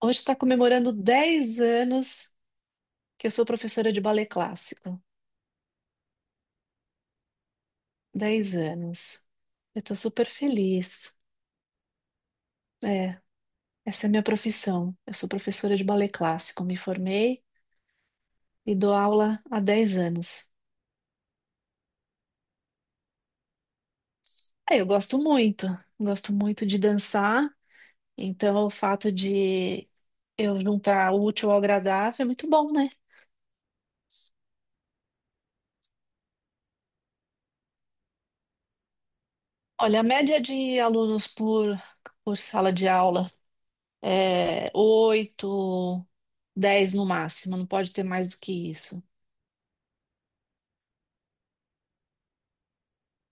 Hoje está comemorando 10 anos que eu sou professora de balé clássico. 10 anos. Eu estou super feliz. É, essa é a minha profissão. Eu sou professora de balé clássico. Me formei e dou aula há 10 anos. É, eu gosto muito. Gosto muito de dançar. Então, o fato de eu juntar o útil ao agradável é muito bom, né? Olha, a média de alunos por sala de aula é, oito, dez no máximo, não pode ter mais do que isso.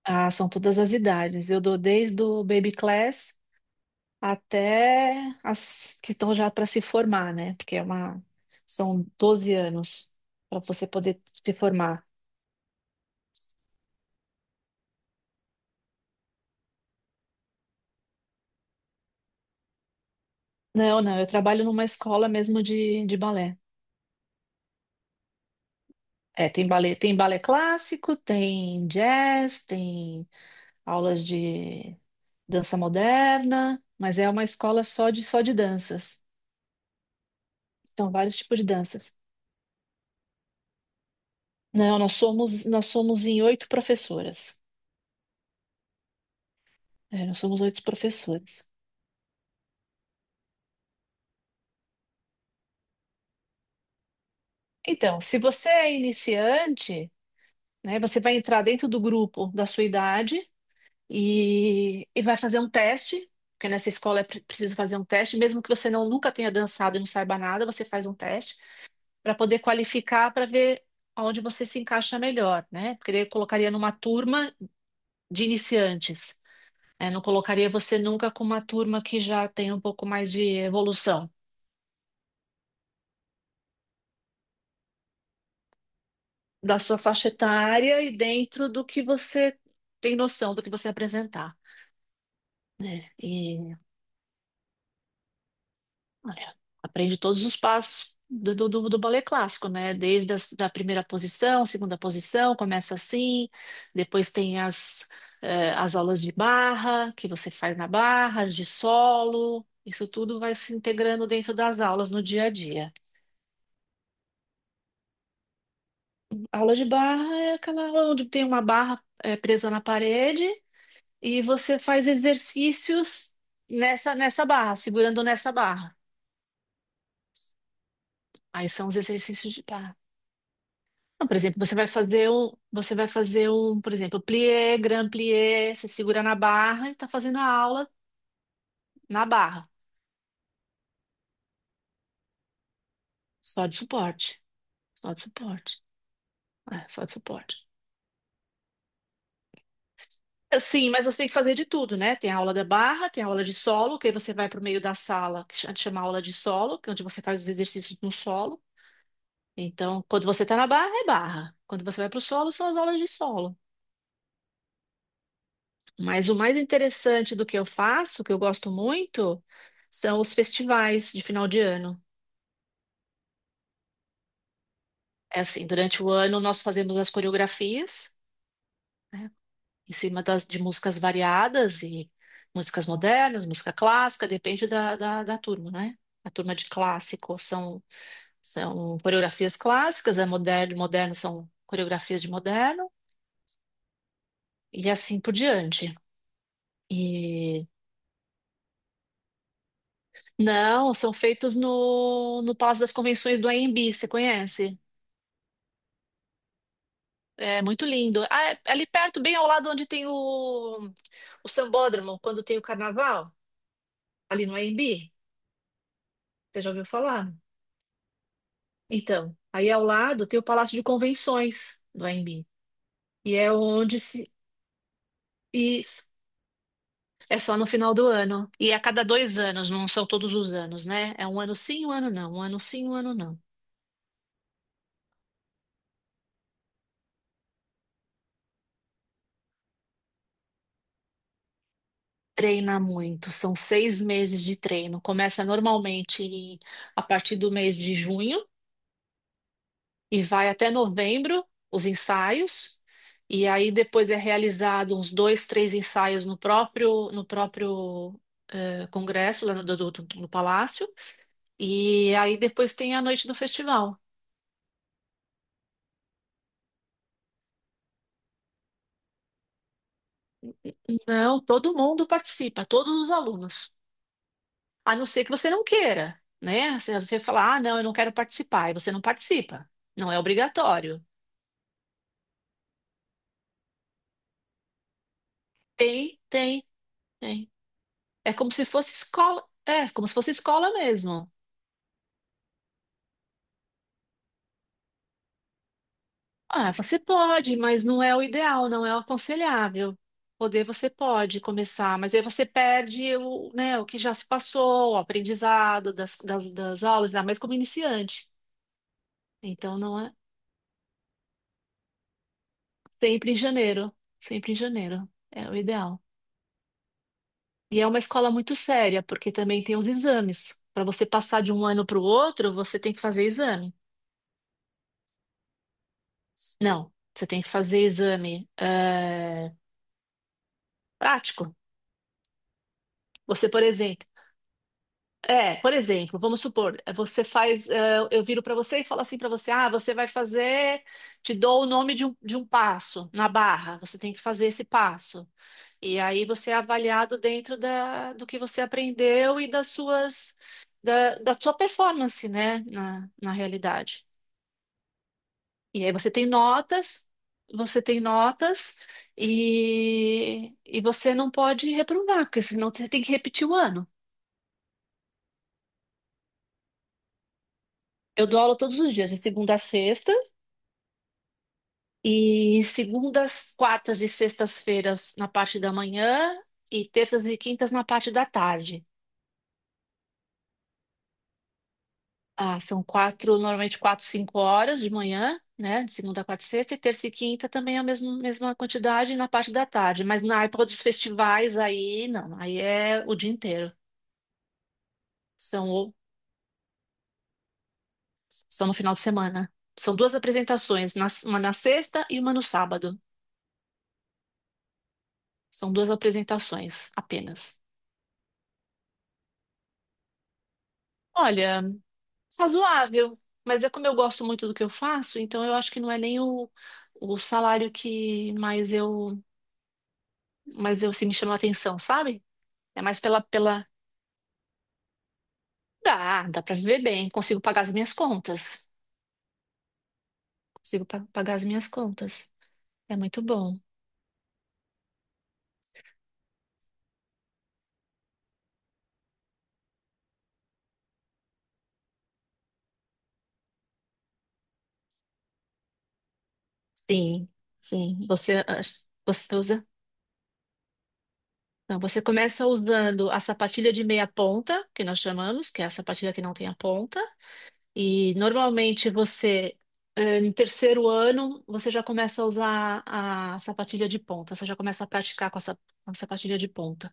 Ah, são todas as idades. Eu dou desde o baby class até as que estão já para se formar, né? Porque é uma, são 12 anos para você poder se formar. Não, não, eu trabalho numa escola mesmo de balé. É, tem balé clássico, tem jazz, tem aulas de dança moderna, mas é uma escola só de danças. Então, vários tipos de danças. Não, nós somos em oito professoras. É, nós somos oito professoras. Então, se você é iniciante, né, você vai entrar dentro do grupo da sua idade e vai fazer um teste, porque nessa escola é preciso fazer um teste, mesmo que você não nunca tenha dançado e não saiba nada, você faz um teste para poder qualificar para ver onde você se encaixa melhor, né? Porque daí eu colocaria numa turma de iniciantes. É, não colocaria você nunca com uma turma que já tem um pouco mais de evolução da sua faixa etária e dentro do que você tem noção do que você apresentar, né? E olha, aprende todos os passos do balé clássico, né? Da primeira posição, segunda posição, começa assim, depois tem as aulas de barra que você faz na barra, as de solo, isso tudo vai se integrando dentro das aulas no dia a dia. Aula de barra é aquela onde tem uma barra presa na parede e você faz exercícios nessa barra, segurando nessa barra. Aí são os exercícios de barra. Então, por exemplo, você vai fazer um, por exemplo, plié, grand plié, você segura na barra e está fazendo a aula na barra, só de suporte, só de suporte, é, só de suporte. Sim, mas você tem que fazer de tudo, né? Tem a aula da barra, tem a aula de solo, que aí você vai para o meio da sala, que a gente chama aula de solo, que é onde você faz os exercícios no solo. Então, quando você está na barra, é barra. Quando você vai para o solo, são as aulas de solo. Mas o mais interessante do que eu faço, que eu gosto muito, são os festivais de final de ano. É assim, durante o ano nós fazemos as coreografias, né? Em cima de músicas variadas e músicas modernas, música clássica, depende da turma, né? A turma de clássico são, são coreografias clássicas, a moderno, moderno são coreografias de moderno, e assim por diante. E não, são feitos no Palácio das Convenções do AMB, você conhece? É muito lindo. Ah, é ali perto, bem ao lado onde tem o Sambódromo, quando tem o carnaval, ali no AMB. Você já ouviu falar? Então, aí ao lado tem o Palácio de Convenções do AMB. E é onde se. Isso. É só no final do ano. E é a cada dois anos, não são todos os anos, né? É um ano sim, um ano não. Um ano sim, um ano não. Treina muito. São seis meses de treino. A partir do mês de junho e vai até novembro, os ensaios. E aí depois é realizado uns dois, três ensaios no próprio congresso, lá no palácio. E aí depois tem a noite do festival. Não, todo mundo participa, todos os alunos. A não ser que você não queira, né? Se você falar, ah, não, eu não quero participar, e você não participa. Não é obrigatório. Tem, tem, tem. É como se fosse escola, é como se fosse escola mesmo. Ah, você pode, mas não é o ideal, não é o aconselhável. Poder você pode começar, mas aí você perde o, né, o que já se passou, o aprendizado das aulas, ainda mais como iniciante. Então não é. Sempre em janeiro, sempre em janeiro. É o ideal. E é uma escola muito séria, porque também tem os exames. Para você passar de um ano para o outro, você tem que fazer exame. Não, você tem que fazer exame prático. Você, por exemplo, É, por exemplo, vamos supor, você faz, eu viro para você e falo assim para você, ah, você vai fazer, te dou o nome de um passo na barra, você tem que fazer esse passo. E aí você é avaliado dentro do que você aprendeu e da sua performance, né, na realidade. E aí você tem notas e você não pode reprovar, porque senão você tem que repetir o ano. Eu dou aula todos os dias, de segunda a sexta, e segundas, quartas e sextas-feiras na parte da manhã e terças e quintas na parte da tarde. Ah, são quatro, normalmente quatro, cinco horas de manhã, né? De segunda, quarta e sexta, e terça e quinta também é a mesma quantidade na parte da tarde. Mas na época dos festivais, aí não, aí é o dia inteiro. São, o- São no final de semana. São duas apresentações, uma na sexta e uma no sábado. São duas apresentações apenas. Olha. Razoável, mas é como eu gosto muito do que eu faço, então eu acho que não é nem o, o salário que mais eu se me chamou a atenção, sabe? É mais pela, pela... Dá pra viver bem, consigo pagar as minhas contas. Consigo pagar as minhas contas. É muito bom. Sim, sim. Você, você usa... Não, você começa usando a sapatilha de meia ponta, que nós chamamos, que é a sapatilha que não tem a ponta. E normalmente você, no terceiro ano, você já começa a usar a sapatilha de ponta, você já começa a praticar com com a sapatilha de ponta.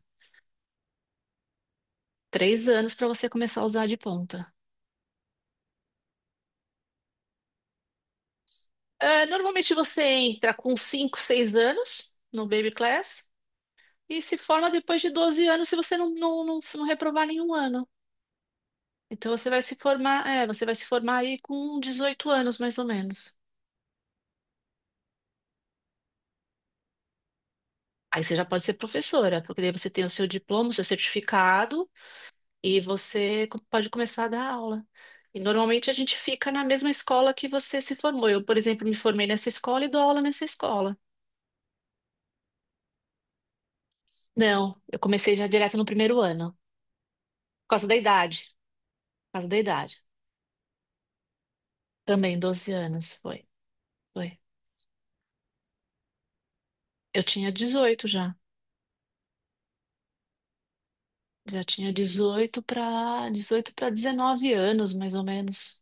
Três anos para você começar a usar a de ponta. Normalmente você entra com cinco, seis anos no baby class e se forma depois de 12 anos se você não reprovar nenhum ano. Então você vai se formar, é, você vai se formar aí com 18 anos mais ou menos. Aí você já pode ser professora, porque daí você tem o seu diploma, o seu certificado e você pode começar a dar aula. E normalmente a gente fica na mesma escola que você se formou. Eu, por exemplo, me formei nessa escola e dou aula nessa escola. Não, eu comecei já direto no primeiro ano, por causa da idade, por causa da idade. Também 12 anos foi, foi. Eu tinha dezoito já. Já tinha dezoito para 19 anos, mais ou menos.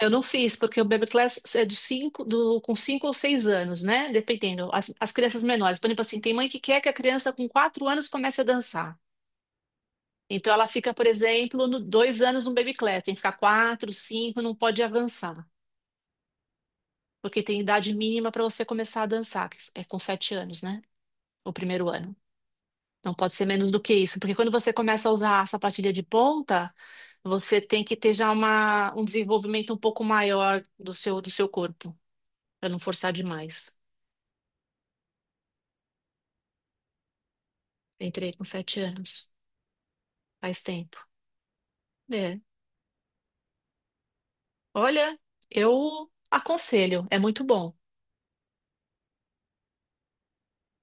Eu não fiz, porque o Baby Class é de cinco, com 5 ou 6 anos, né? Dependendo. As crianças menores. Por exemplo, assim, tem mãe que quer que a criança com 4 anos comece a dançar. Então, ela fica, por exemplo, dois anos no Baby Class. Tem que ficar 4, 5, não pode avançar. Porque tem idade mínima para você começar a dançar, que é com 7 anos, né? O primeiro ano. Não pode ser menos do que isso. Porque quando você começa a usar a sapatilha de ponta, você tem que ter já uma, um desenvolvimento um pouco maior do seu corpo, para não forçar demais. Entrei com sete anos. Faz tempo. É. Olha, eu aconselho, é muito bom.